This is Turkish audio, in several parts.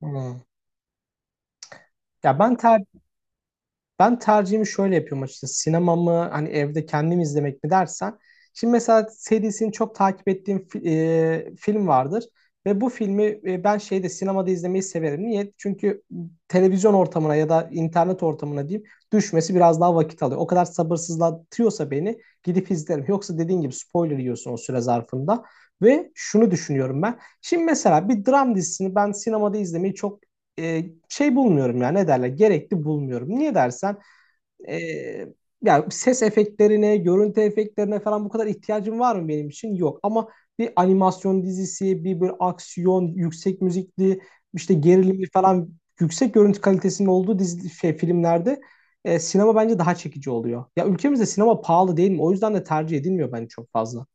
Hmm. Ya ben ter Ben tercihimi şöyle yapıyorum açıkçası. Sinema mı hani evde kendim izlemek mi dersen. Şimdi mesela serisini çok takip ettiğim film vardır. Ve bu filmi ben şeyde sinemada izlemeyi severim. Niye? Çünkü televizyon ortamına ya da internet ortamına diyeyim düşmesi biraz daha vakit alıyor. O kadar sabırsızlatıyorsa beni gidip izlerim. Yoksa dediğin gibi spoiler yiyorsun o süre zarfında. Ve şunu düşünüyorum ben. Şimdi mesela bir dram dizisini ben sinemada izlemeyi çok şey bulmuyorum yani ne derler gerekli bulmuyorum. Niye dersen e, yani ses efektlerine, görüntü efektlerine falan bu kadar ihtiyacım var mı benim için? Yok. Ama bir animasyon dizisi, bir böyle aksiyon, yüksek müzikli, işte gerilimli falan yüksek görüntü kalitesinin olduğu dizi, şey, filmlerde sinema bence daha çekici oluyor. Ya ülkemizde sinema pahalı değil mi? O yüzden de tercih edilmiyor bence çok fazla.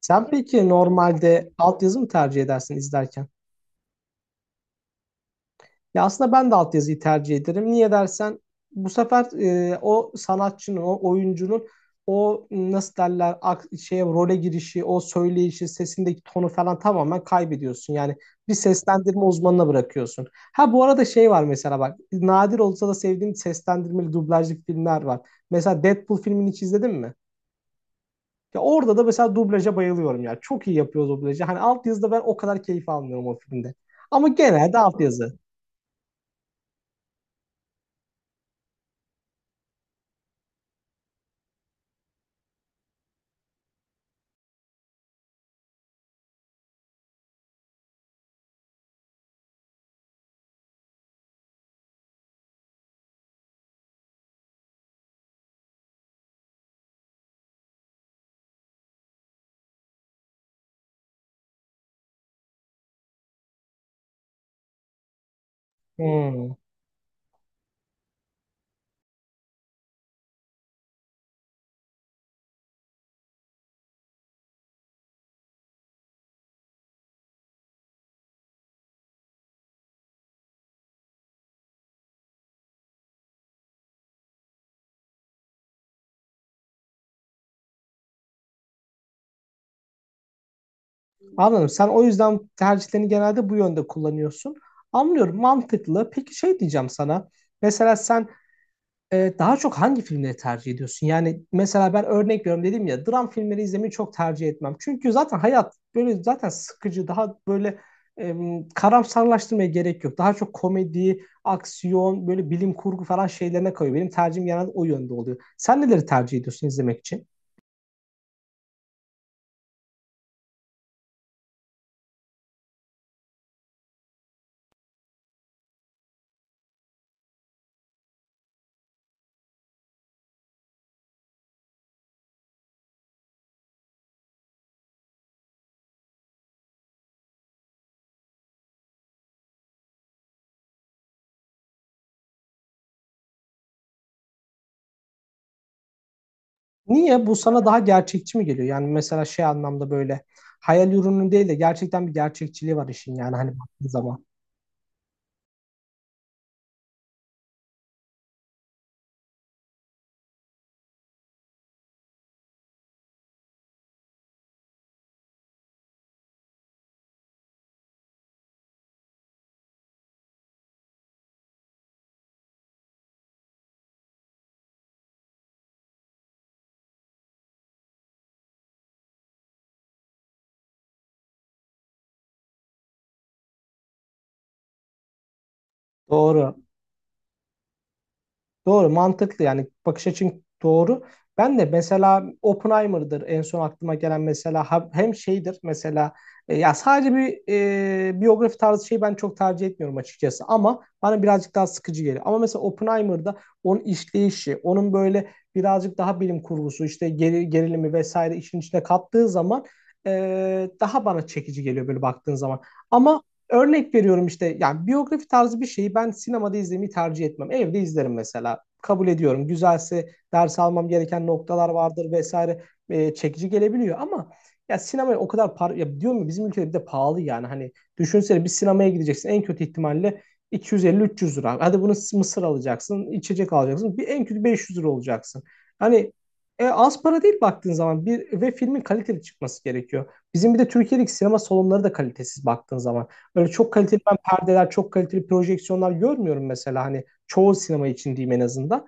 Sen peki normalde altyazı mı tercih edersin izlerken? Ya aslında ben de altyazıyı tercih ederim. Niye dersen bu sefer o sanatçının, o oyuncunun o nasıl derler şeye role girişi, o söyleyişi, sesindeki tonu falan tamamen kaybediyorsun. Yani bir seslendirme uzmanına bırakıyorsun. Ha bu arada şey var mesela bak nadir olsa da sevdiğim seslendirmeli dublajlı filmler var. Mesela Deadpool filmini hiç izledin mi? Ya orada da mesela dublaja bayılıyorum ya. Çok iyi yapıyor dublajı. Hani altyazıda ben o kadar keyif almıyorum o filmde. Ama genelde altyazı. Hmm. Anladım. Sen o yüzden tercihlerini genelde bu yönde kullanıyorsun. Anlıyorum. Mantıklı. Peki şey diyeceğim sana. Mesela sen daha çok hangi filmleri tercih ediyorsun? Yani mesela ben örnek veriyorum dedim ya dram filmleri izlemeyi çok tercih etmem. Çünkü zaten hayat böyle zaten sıkıcı. Daha böyle e, karamsarlaştırmaya gerek yok. Daha çok komedi, aksiyon, böyle bilim kurgu falan şeylerine kayıyor. Benim tercihim genelde o yönde oluyor. Sen neleri tercih ediyorsun izlemek için? Niye? Bu sana daha gerçekçi mi geliyor? Yani mesela şey anlamda böyle hayal ürünü değil de gerçekten bir gerçekçiliği var işin yani hani baktığın zaman. Doğru. Doğru, mantıklı yani bakış açın doğru. Ben de mesela Oppenheimer'dır en son aklıma gelen mesela hem şeydir mesela ya sadece bir biyografi tarzı şeyi ben çok tercih etmiyorum açıkçası ama bana birazcık daha sıkıcı geliyor. Ama mesela Oppenheimer'da onun işleyişi, onun böyle birazcık daha bilim kurgusu işte gerilimi vesaire işin içine kattığı zaman e, daha bana çekici geliyor böyle baktığın zaman. Ama örnek veriyorum işte yani biyografi tarzı bir şeyi ben sinemada izlemeyi tercih etmem. Evde izlerim mesela. Kabul ediyorum. Güzelse ders almam gereken noktalar vardır vesaire. Çekici gelebiliyor ama ya sinemaya o kadar par ya diyorum ya bizim ülkede bir de pahalı yani. Hani düşünsene bir sinemaya gideceksin en kötü ihtimalle 250-300 lira. Hadi bunu mısır alacaksın, içecek alacaksın. Bir en kötü 500 lira olacaksın. Hani az para değil baktığın zaman bir ve filmin kaliteli çıkması gerekiyor. Bizim bir de Türkiye'deki sinema salonları da kalitesiz baktığın zaman. Böyle çok kaliteli ben perdeler, çok kaliteli projeksiyonlar görmüyorum mesela hani çoğu sinema için diyeyim en azından.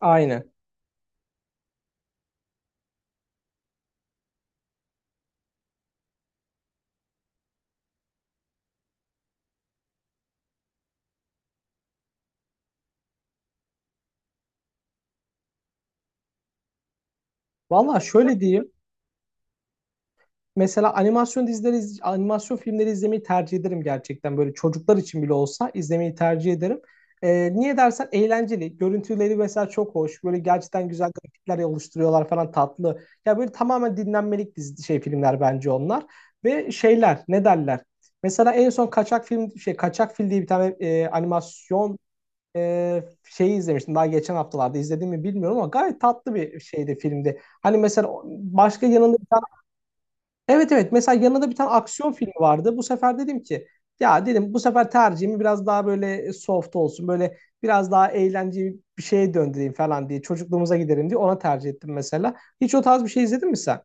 Aynen. Valla şöyle diyeyim. Mesela animasyon dizileri, animasyon filmleri izlemeyi tercih ederim gerçekten. Böyle çocuklar için bile olsa izlemeyi tercih ederim. Niye dersen eğlenceli. Görüntüleri mesela çok hoş. Böyle gerçekten güzel grafikler oluşturuyorlar falan tatlı. Ya böyle tamamen dinlenmelik dizi, şey filmler bence onlar. Ve şeyler ne derler? Mesela en son Kaçak Fil diye bir tane animasyon şeyi izlemiştim. Daha geçen haftalarda izledim mi bilmiyorum ama gayet tatlı bir şeydi filmde. Hani mesela başka yanında bir tane evet evet mesela yanında bir tane aksiyon filmi vardı. Bu sefer dedim ki ya dedim bu sefer tercihimi biraz daha böyle soft olsun. Böyle biraz daha eğlenceli bir şeye döndüreyim falan diye çocukluğumuza giderim diye ona tercih ettim mesela. Hiç o tarz bir şey izledin mi sen?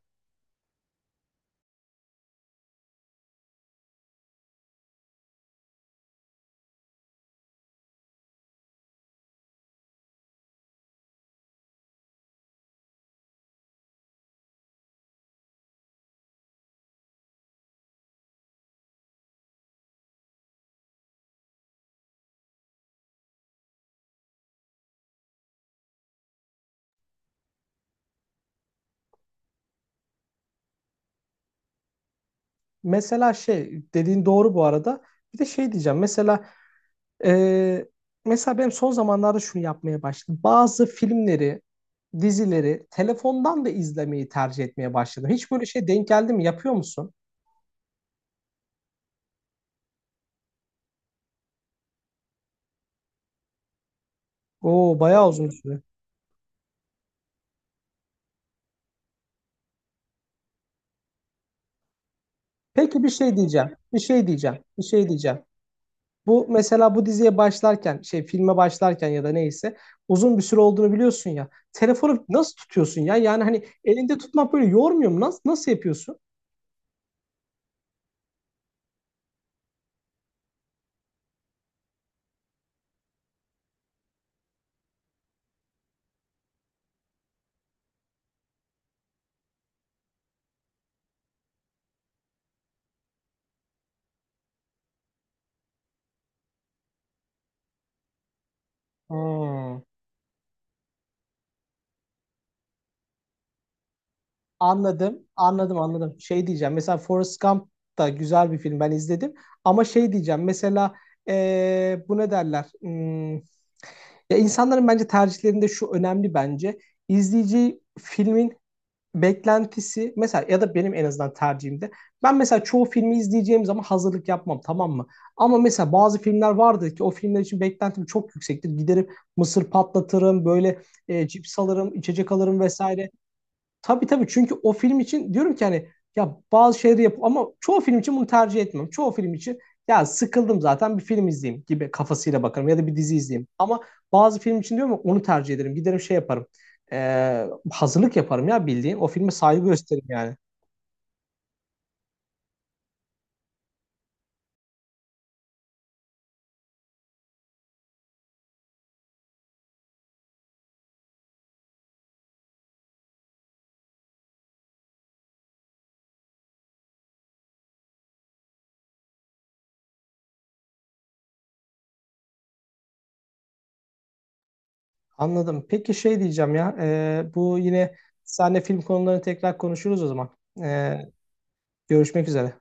Mesela şey dediğin doğru bu arada. Bir de şey diyeceğim. Mesela e, benim son zamanlarda şunu yapmaya başladım. Bazı filmleri, dizileri telefondan da izlemeyi tercih etmeye başladım. Hiç böyle şey denk geldi mi? Yapıyor musun? Oo bayağı uzun süre. Peki bir şey diyeceğim. Bir şey diyeceğim. Bir şey diyeceğim. Bu mesela bu diziye başlarken, şey filme başlarken ya da neyse uzun bir süre olduğunu biliyorsun ya. Telefonu nasıl tutuyorsun ya? Yani hani elinde tutmak böyle yormuyor mu? Nasıl yapıyorsun? Hmm. Anladım, anladım, anladım. Şey diyeceğim, mesela Forrest Gump da güzel bir film, ben izledim. Ama şey diyeceğim, mesela bu ne derler? Hmm, ya insanların bence tercihlerinde şu önemli bence. İzleyici filmin beklentisi, mesela ya da benim en azından tercihimde. Ben mesela çoğu filmi izleyeceğim zaman hazırlık yapmam, tamam mı? Ama mesela bazı filmler vardı ki o filmler için beklentim çok yüksektir. Giderim mısır patlatırım, böyle cips alırım, içecek alırım vesaire. Tabii tabii çünkü o film için diyorum ki hani ya bazı şeyleri yap ama çoğu film için bunu tercih etmem. Çoğu film için ya sıkıldım zaten bir film izleyeyim gibi kafasıyla bakarım ya da bir dizi izleyeyim. Ama bazı film için diyorum ya onu tercih ederim. Giderim şey yaparım. Hazırlık yaparım ya bildiğin. O filme saygı gösteririm yani. Anladım. Peki şey diyeceğim ya. Bu yine seninle film konularını tekrar konuşuruz o zaman. Ee, Görüşmek üzere.